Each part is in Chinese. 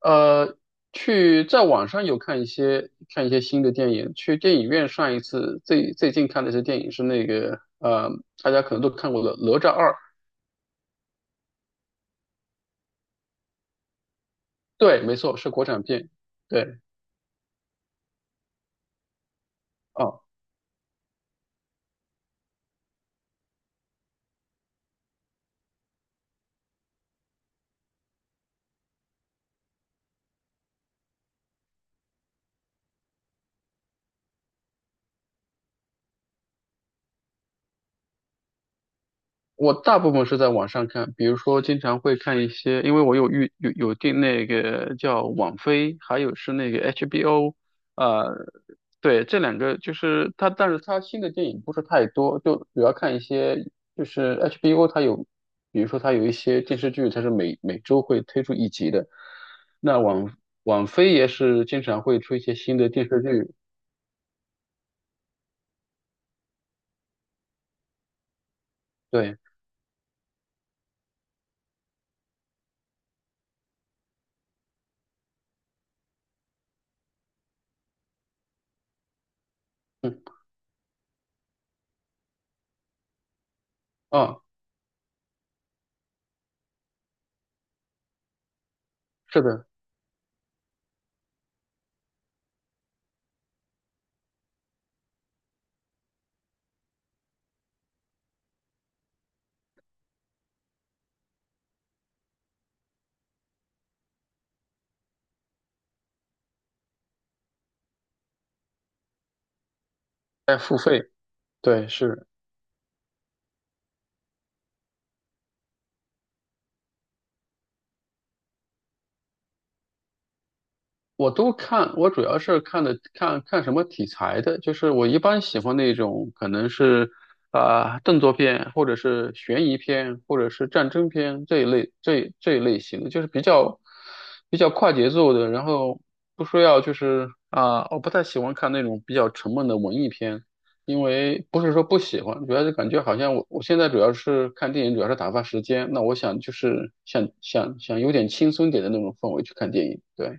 呃，去在网上有看一些新的电影，去电影院上一次最最近看的一些电影是那个大家可能都看过的《哪吒二》，对，没错，是国产片，对。啊，我大部分是在网上看，比如说经常会看一些，因为我有预有有订那个叫网飞，还有是那个 HBO，呃，对，这两个就是它，但是它新的电影不是太多，就主要看一些就是 HBO 它有，比如说它有一些电视剧，它是每周会推出一集的。那网飞也是经常会出一些新的电视剧，对，嗯，啊，是的，在付费，对，是。我都看，我主要是看的看什么题材的，就是我一般喜欢那种可能是动作片，或者是悬疑片，或者是战争片这一类型的，就是比较快节奏的，然后不说要就是啊、我不太喜欢看那种比较沉闷的文艺片，因为不是说不喜欢，主要是感觉好像我现在主要是看电影，主要是打发时间，那我想就是想有点轻松点的那种氛围去看电影，对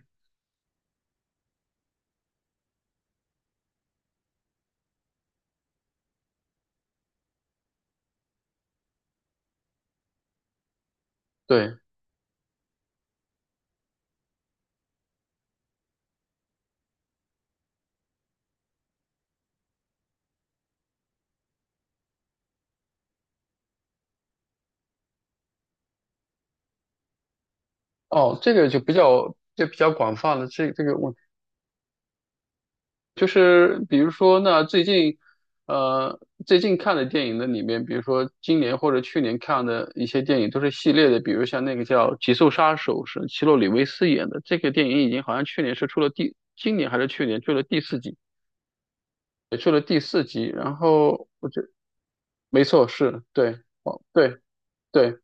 对。哦，这个就比较广泛了。这个问题，就是比如说，那最近呃最近看的电影的里面，比如说今年或者去年看的一些电影都是系列的，比如像那个叫《极速杀手》，是奇洛里维斯演的。这个电影已经好像去年是出了第，今年还是去年出了第四季，也出了第四集。然后我觉没错，是对对对。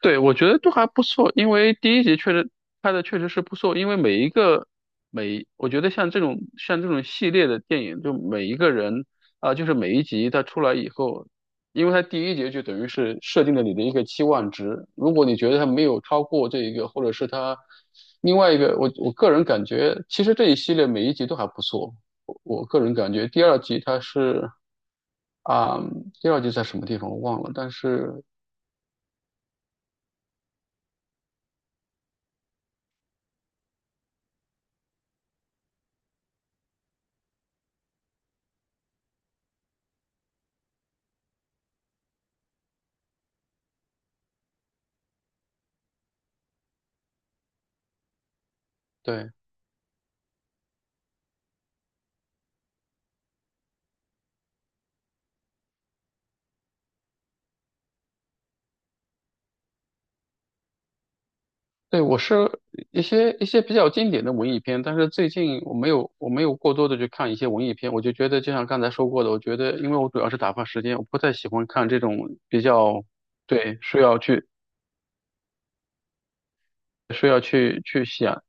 对，我觉得都还不错，因为第一集确实拍的确实是不错，因为每一个每，我觉得像这种系列的电影，就每一个人就是每一集它出来以后，因为它第一集就等于是设定了你的一个期望值，如果你觉得它没有超过这一个，或者是它另外一个，我个人感觉，其实这一系列每一集都还不错，我个人感觉第二集它是啊、第二集在什么地方我忘了，但是对。对，我是一些比较经典的文艺片，但是最近我没有过多的去看一些文艺片，我就觉得就像刚才说过的，我觉得因为我主要是打发时间，我不太喜欢看这种比较，对，需要去去想，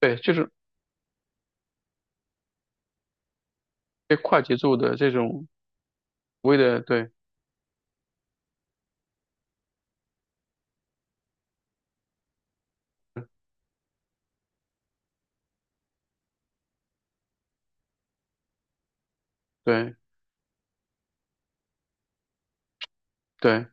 对，就是对快节奏的这种所谓的，对对对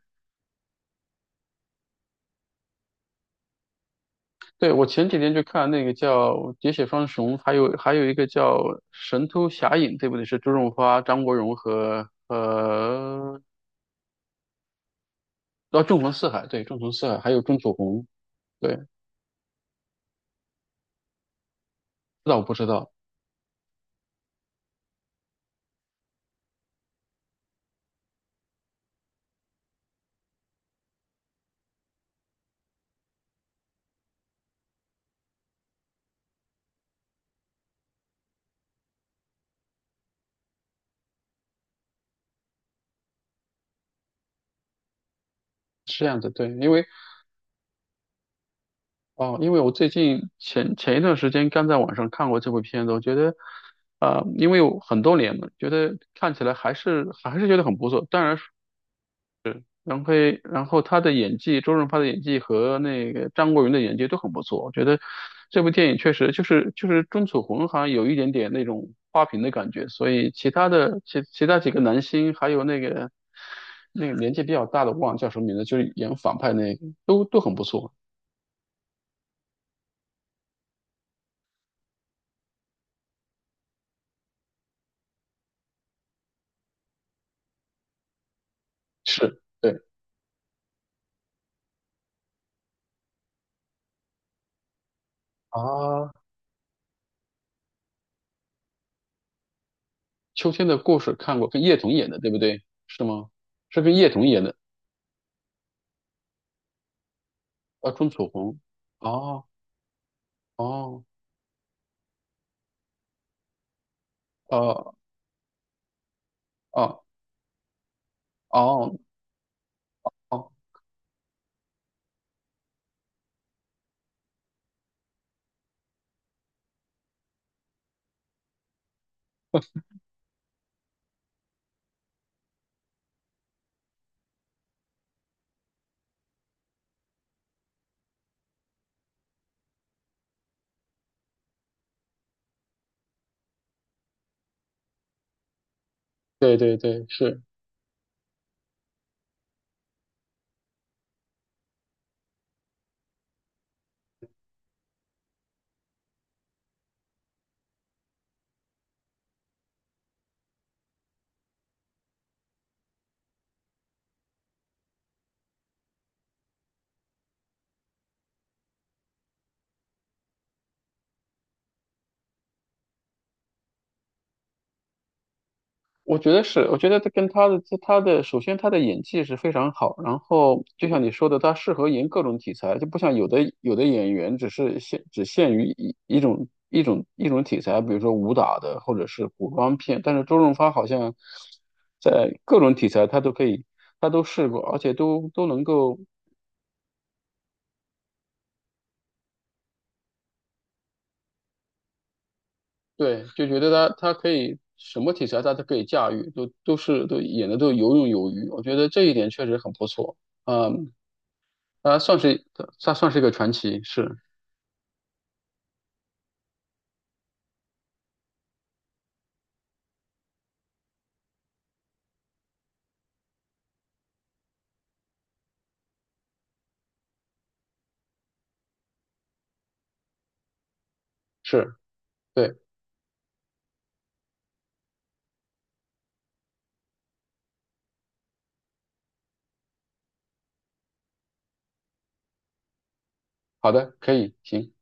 对，我前几天去看那个叫《喋血双雄》，还有还有一个叫《神偷侠影》，对不对？是周润发、张国荣和哦，纵横四海，对，纵横四海，还有钟楚红，对，知道我不知道是这样子，对，因为哦，因为我最近前一段时间刚在网上看过这部片子，我觉得，呃，因为有很多年了，觉得看起来还是觉得很不错，当然然后，然后他的演技，周润发的演技和那个张国荣的演技都很不错。我觉得这部电影确实就是钟楚红好像有一点点那种花瓶的感觉，所以其他的其他几个男星还有那个年纪比较大的，我忘了叫什么名字，就是演反派那个都很不错。是，对，啊，《秋天的故事》看过，跟叶童演的，对不对？是吗？是跟叶童演的，啊，钟楚红。哦哦，哦哦哦哦。对对对，是，我觉得是，我觉得他跟他的他的，首先他的演技是非常好，然后就像你说的，他适合演各种题材，就不像有的演员只是限只限于一种一种题材，比如说武打的或者是古装片，但是周润发好像在各种题材他都可以，他都试过，而且都能够，对，就觉得他可以什么题材他都可以驾驭，都演的都游刃有余，我觉得这一点确实很不错。嗯。呃，算是算是一个传奇，是是，对，好的，可以，行。